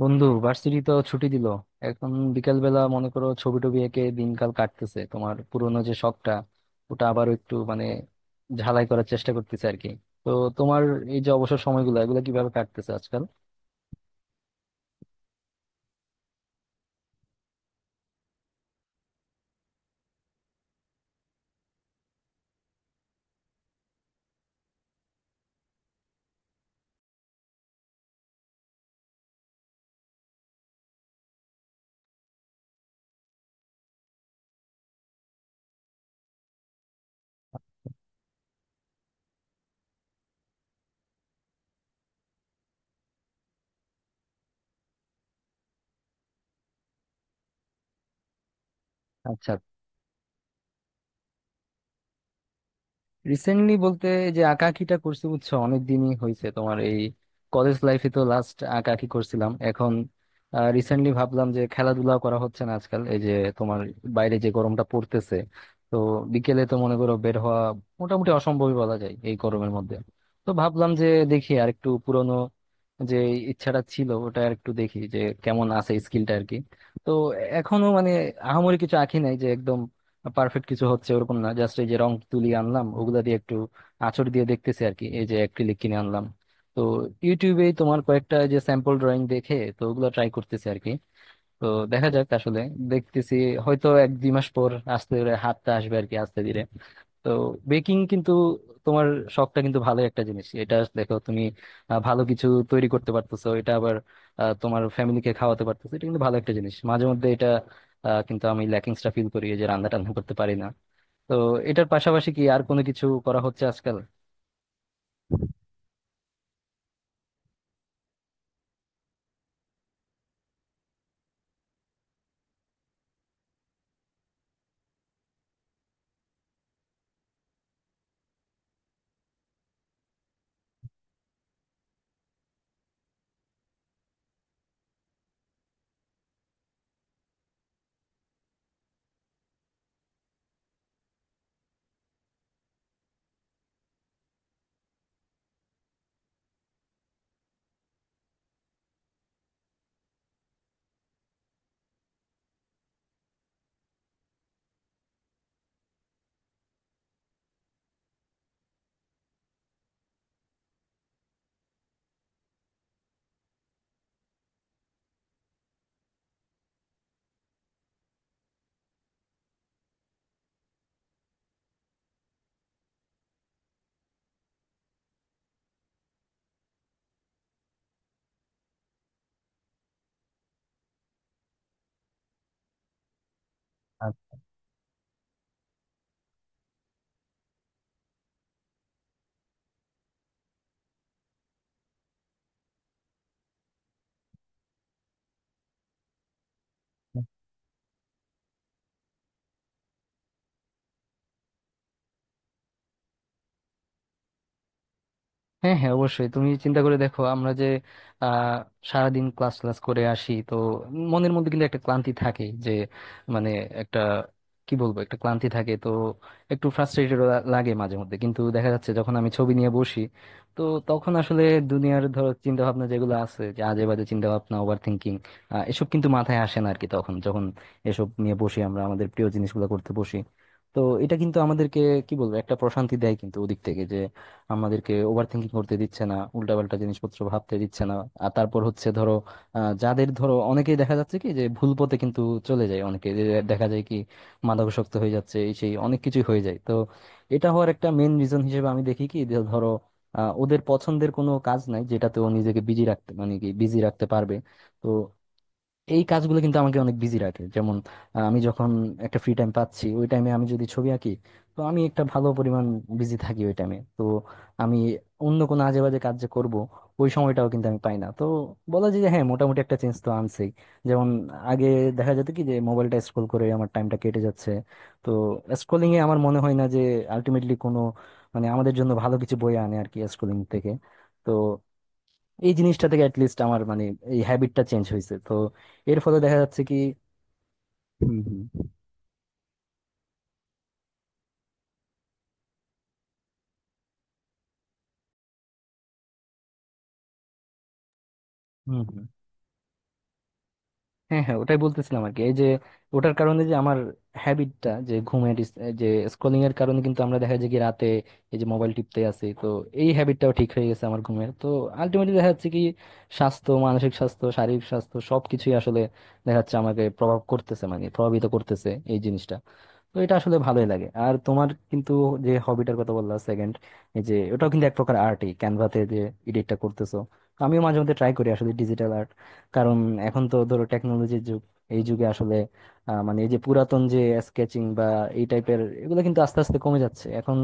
বন্ধু, ভার্সিটি তো ছুটি দিল। এখন বিকেল বেলা মনে করো ছবি টবি এঁকে দিনকাল কাটতেছে তোমার পুরোনো যে শখটা ওটা আবার একটু মানে ঝালাই করার চেষ্টা করতেছে আর কি। তো তোমার এই যে অবসর সময়গুলো এগুলো কিভাবে কাটতেছে আজকাল? আচ্ছা, রিসেন্টলি বলতে যে আঁকাআঁকিটা করছি বুঝছো অনেক দিনই হয়েছে তোমার। এই কলেজ লাইফে তো লাস্ট আঁকাআঁকি করছিলাম। এখন রিসেন্টলি ভাবলাম যে খেলাধুলা করা হচ্ছে না আজকাল এই যে তোমার বাইরে যে গরমটা পড়তেছে। তো বিকেলে তো মনে করো বের হওয়া মোটামুটি অসম্ভবই বলা যায় এই গরমের মধ্যে। তো ভাবলাম যে দেখি আর একটু পুরনো যে ইচ্ছাটা ছিল ওটা আর একটু দেখি যে কেমন আছে স্কিলটা আর কি। তো এখনো মানে আহামরি কিছু আঁকি নাই, যে একদম পারফেক্ট কিছু হচ্ছে ওরকম না। জাস্ট এই যে রং তুলি আনলাম ওগুলা দিয়ে একটু আঁচড় দিয়ে দেখতেছি আর কি, এই যে অ্যাক্রিলিক কিনে আনলাম। তো ইউটিউবে তোমার কয়েকটা যে স্যাম্পল ড্রয়িং দেখে তো ওগুলো ট্রাই করতেছি আর কি। তো দেখা যাক আসলে, দেখতেছি হয়তো 1-2 মাস পর আস্তে করে হাতটা আসবে আর কি, আস্তে ধীরে। তো বেকিং কিন্তু তোমার শখটা কিন্তু ভালো একটা জিনিস। এটা দেখো তুমি ভালো কিছু তৈরি করতে পারতেছো এটা, আবার তোমার ফ্যামিলিকে খাওয়াতে পারতেছো। এটা কিন্তু ভালো একটা জিনিস মাঝে মধ্যে এটা। কিন্তু আমি ল্যাকিংসটা ফিল করি এই যে রান্না টান্না করতে পারি না। তো এটার পাশাপাশি কি আর কোনো কিছু করা হচ্ছে আজকাল? হ্যাঁ, হ্যাঁ, অবশ্যই। তুমি চিন্তা করে দেখো আমরা যে আহ সারাদিন ক্লাস ক্লাস করে আসি, তো মনের মধ্যে কিন্তু একটা ক্লান্তি থাকে যে মানে একটা কি বলবো একটা ক্লান্তি থাকে। তো একটু ফ্রাস্ট্রেটেড লাগে মাঝে মধ্যে, কিন্তু দেখা যাচ্ছে যখন আমি ছবি নিয়ে বসি তো তখন আসলে দুনিয়ার ধরো চিন্তা ভাবনা যেগুলো আছে, যে আজে বাজে চিন্তা ভাবনা, ওভার থিঙ্কিং, এসব কিন্তু মাথায় আসে না আর কি। তখন যখন এসব নিয়ে বসি আমরা আমাদের প্রিয় জিনিসগুলো করতে বসি, তো এটা কিন্তু আমাদেরকে কি বলবো একটা প্রশান্তি দেয়। কিন্তু ওদিক থেকে আমাদেরকে ওভার থিঙ্কিং করতে দিচ্ছে না, উল্টাপাল্টা জিনিসপত্র ভাবতে দিচ্ছে না। আর তারপর হচ্ছে ধরো যাদের ধরো অনেকেই দেখা যাচ্ছে কি যে ভুল পথে কিন্তু চলে যায়, অনেকে যে দেখা যায় কি মাদকাসক্ত হয়ে যাচ্ছে এই সেই অনেক কিছুই হয়ে যায়। তো এটা হওয়ার একটা মেন রিজন হিসেবে আমি দেখি কি যে ধরো ওদের পছন্দের কোনো কাজ নাই যেটাতে ও নিজেকে বিজি রাখতে মানে কি বিজি রাখতে পারবে। তো এই কাজগুলো কিন্তু আমাকে অনেক বিজি রাখে। যেমন আমি যখন একটা ফ্রি টাইম পাচ্ছি ওই টাইমে আমি যদি ছবি আঁকি তো আমি একটা ভালো পরিমাণ বিজি থাকি ওই টাইমে। তো আমি অন্য কোনো আজে বাজে কাজ যে করবো ওই সময়টাও কিন্তু আমি পাই না। তো বলা যায় যে হ্যাঁ, মোটামুটি একটা চেঞ্জ তো আনছেই। যেমন আগে দেখা যেত কি যে মোবাইলটা স্ক্রোল করে আমার টাইমটা কেটে যাচ্ছে। তো স্ক্রোলিং এ আমার মনে হয় না যে আলটিমেটলি কোনো মানে আমাদের জন্য ভালো কিছু বয়ে আনে আর কি স্ক্রোলিং থেকে। তো এই জিনিসটা থেকে অ্যাটলিস্ট আমার মানে এই হ্যাবিটটা চেঞ্জ হয়েছে। তো এর ফলে দেখা যাচ্ছে কি। হুম, হুম। হুম, হুম। হ্যাঁ, হ্যাঁ, ওটাই বলতেছিলাম আর কি। এই যে ওটার কারণে যে আমার হ্যাবিটটা যে ঘুমের এই যে স্ক্রলিং এর কারণে কিন্তু আমরা দেখা যায় কি রাতে এই যে মোবাইল টিপতে আছি, তো এই হ্যাবিটটাও ঠিক হয়ে গেছে আমার ঘুমের। তো আলটিমেটলি দেখা যাচ্ছে কি স্বাস্থ্য, মানসিক স্বাস্থ্য, শারীরিক স্বাস্থ্য সবকিছুই আসলে দেখা যাচ্ছে আমাকে প্রভাব করতেছে মানে প্রভাবিত করতেছে এই জিনিসটা। তো এটা আসলে ভালোই লাগে। আর তোমার কিন্তু যে হবিটার কথা বললা সেকেন্ড এই যে ওটাও কিন্তু এক প্রকার আর্টই, ক্যানভাতে যে এডিটটা করতেছো। আমিও মাঝে মধ্যে ট্রাই করি আসলে ডিজিটাল আর্ট, কারণ এখন তো ধরো টেকনোলজির যুগ। এই যুগে আসলে মানে এই যে পুরাতন যে স্কেচিং বা এই টাইপের এগুলো কিন্তু আস্তে আস্তে কমে যাচ্ছে এখন।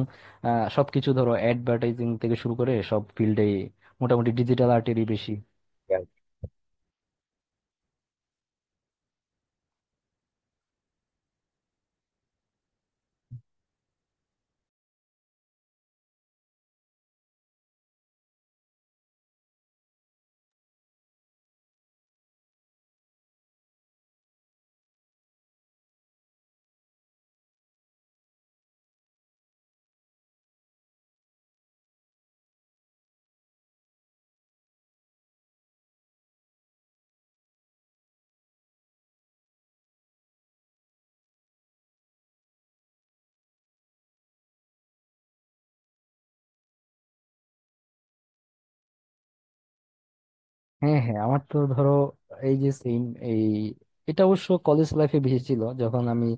সবকিছু ধরো অ্যাডভার্টাইজিং থেকে শুরু করে সব ফিল্ডেই মোটামুটি ডিজিটাল আর্টেরই বেশি। হ্যাঁ, হ্যাঁ, আমার তো ধরো এই যে সেম এই এটা অবশ্য কলেজ লাইফে বেশি ছিল। যখন আমি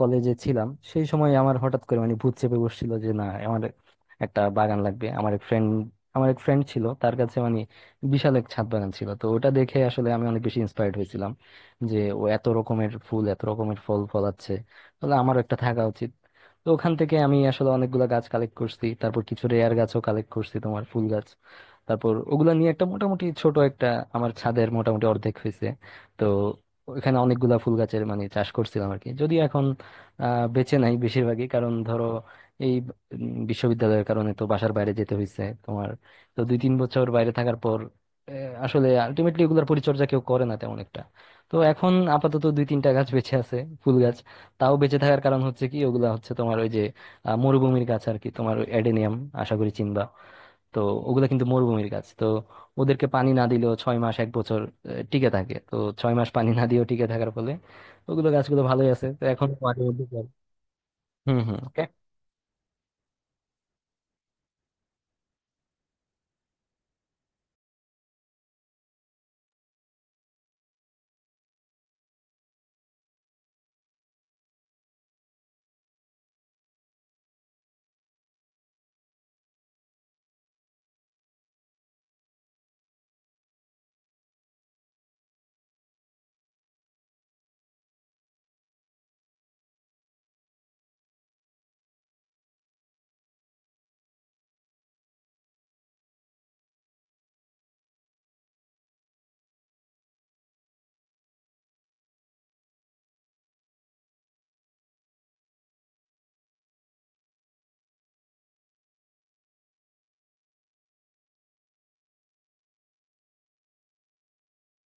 কলেজে ছিলাম সেই সময় আমার হঠাৎ করে মানে ভূত চেপে বসছিল যে না, আমার একটা বাগান লাগবে। আমার এক ফ্রেন্ড আমার এক ফ্রেন্ড ছিল তার কাছে মানে বিশাল এক ছাদ বাগান ছিল। তো ওটা দেখে আসলে আমি অনেক বেশি ইন্সপায়ার্ড হয়েছিলাম যে ও এত রকমের ফুল এত রকমের ফল ফলাচ্ছে, তাহলে আমারও একটা থাকা উচিত। তো ওখান থেকে আমি আসলে অনেকগুলা গাছ কালেক্ট করছি। তারপর কিছু রেয়ার গাছও কালেক্ট করছি তোমার ফুল গাছ। তারপর ওগুলা নিয়ে একটা মোটামুটি ছোট একটা আমার ছাদের মোটামুটি অর্ধেক হয়েছে। তো ওখানে অনেকগুলা ফুল গাছের মানে চাষ করছিলাম আর কি, যদি এখন বেঁচে নাই বেশিরভাগই কারণ ধরো এই বিশ্ববিদ্যালয়ের কারণে তো বাসার বাইরে যেতে হয়েছে তোমার। তো 2-3 বছর বাইরে থাকার পর আসলে আলটিমেটলি ওগুলার পরিচর্যা কেউ করে না তেমন একটা। তো এখন আপাতত 2-3টা গাছ বেঁচে আছে, ফুল গাছ। তাও বেঁচে থাকার কারণ হচ্ছে কি ওগুলা হচ্ছে তোমার ওই যে মরুভূমির গাছ আর কি, তোমার এডেনিয়াম, আশা করি চিনবা। তো ওগুলা কিন্তু মরুভূমির গাছ তো ওদেরকে পানি না দিলেও 6 মাস 1 বছর টিকে থাকে। তো 6 মাস পানি না দিয়েও টিকে থাকার ফলে ওগুলো গাছগুলো ভালোই আছে। তো এখন মাটির মধ্যে হুম, হুম।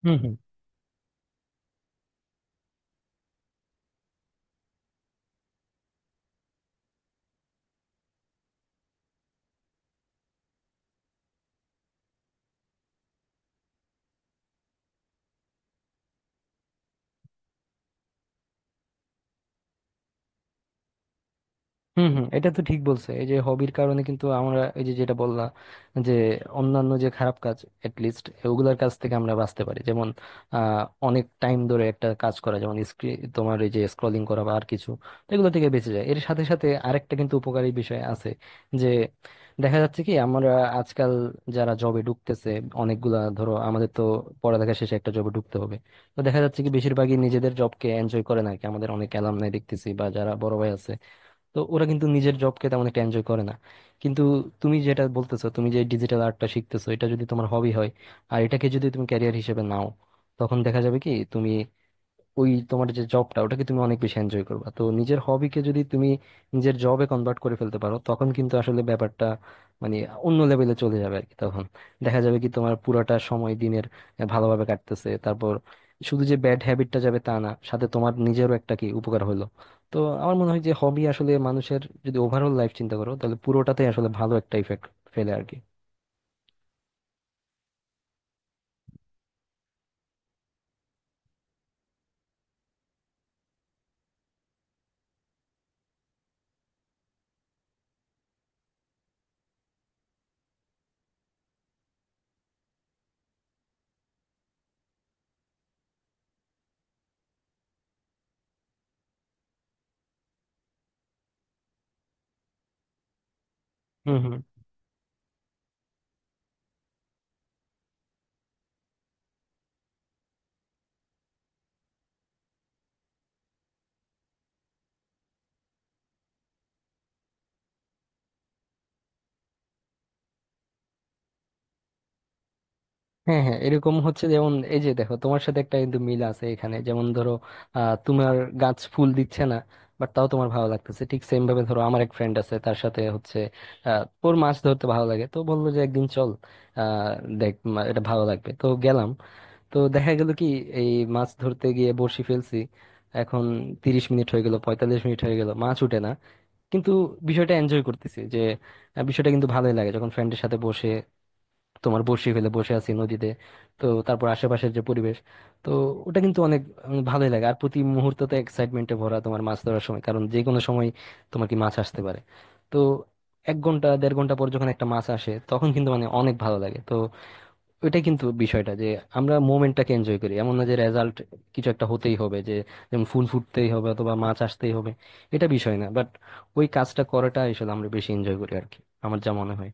Okay? হুম, হুম, এটা তো ঠিক বলছে এই যে হবির কারণে কিন্তু আমরা এই যে যেটা বললা যে অন্যান্য যে খারাপ কাজ এটলিস্ট ওগুলার কাছ থেকে আমরা বাঁচতে পারি। যেমন আহ অনেক টাইম ধরে একটা কাজ করা যেমন স্ক্রিন তোমার এই যে স্ক্রলিং করা বা আর কিছু, তো এগুলো থেকে বেঁচে যায়। এর সাথে সাথে আরেকটা কিন্তু উপকারী বিষয় আছে যে দেখা যাচ্ছে কি আমরা আজকাল যারা জবে ঢুকতেছে অনেকগুলা ধরো আমাদের তো পড়ালেখা শেষে একটা জবে ঢুকতে হবে। তো দেখা যাচ্ছে কি বেশিরভাগই নিজেদের জবকে এনজয় করে না আর কি। আমাদের অনেক অ্যালামনাই দেখতেছি বা যারা বড় ভাই আছে, তো ওরা কিন্তু নিজের জবকে তেমন একটা এনজয় করে না। কিন্তু তুমি যেটা বলতেছো তুমি যে ডিজিটাল আর্টটা শিখতেছো এটা যদি তোমার হবি হয় আর এটাকে যদি তুমি ক্যারিয়ার হিসেবে নাও তখন দেখা যাবে কি তুমি ওই তোমার যে জবটা ওটাকে তুমি অনেক বেশি এনজয় করবা। তো নিজের হবিকে যদি তুমি নিজের জবে কনভার্ট করে ফেলতে পারো তখন কিন্তু আসলে ব্যাপারটা মানে অন্য লেভেলে চলে যাবে আর কি। তখন দেখা যাবে কি তোমার পুরোটা সময় দিনের ভালোভাবে কাটতেছে। তারপর শুধু যে ব্যাড হ্যাবিটটা যাবে তা না, সাথে তোমার নিজেরও একটা কি উপকার হলো। তো আমার মনে হয় যে হবি আসলে মানুষের যদি ওভারঅল লাইফ চিন্তা করো তাহলে পুরোটাতে আসলে ভালো একটা ইফেক্ট ফেলে আর কি। হুম, হুম। হ্যাঁ, হ্যাঁ, এরকম হচ্ছে যেমন এই যে দেখো তোমার সাথে একটা কিন্তু মিল আছে এখানে। যেমন ধরো তোমার গাছ ফুল দিচ্ছে না বাট তাও তোমার ভালো লাগতেছে। ঠিক সেম ভাবে ধরো আমার এক ফ্রেন্ড আছে তার সাথে হচ্ছে ওর মাছ ধরতে ভালো লাগে। তো বললো যে একদিন চল আহ দেখ এটা ভালো লাগবে। তো গেলাম, তো দেখা গেল কি এই মাছ ধরতে গিয়ে বড়শি ফেলছি। এখন 30 মিনিট হয়ে গেল 45 মিনিট হয়ে গেল মাছ উঠে না। কিন্তু বিষয়টা এনজয় করতেছি যে বিষয়টা কিন্তু ভালোই লাগে যখন ফ্রেন্ডের সাথে বসে তোমার বসি ফেলে বসে আছি নদীতে। তো তারপর আশেপাশের যে পরিবেশ তো ওটা কিন্তু অনেক ভালোই লাগে। আর প্রতি মুহূর্ত তো এক্সাইটমেন্টে ভরা তোমার মাছ ধরার সময় কারণ যে কোনো সময় তোমার কি মাছ আসতে পারে। তো 1 ঘন্টা দেড় ঘন্টা পর যখন একটা মাছ আসে তখন কিন্তু মানে অনেক ভালো লাগে। তো ওইটাই কিন্তু বিষয়টা যে আমরা মোমেন্টটাকে এনজয় করি, এমন না যে রেজাল্ট কিছু একটা হতেই হবে যে। যেমন ফুল ফুটতেই হবে অথবা মাছ আসতেই হবে এটা বিষয় না, বাট ওই কাজটা করাটা আসলে আমরা বেশি এনজয় করি আর কি, আমার যা মনে হয়।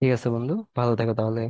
ঠিক আছে বন্ধু, ভালো থাকো তাহলে।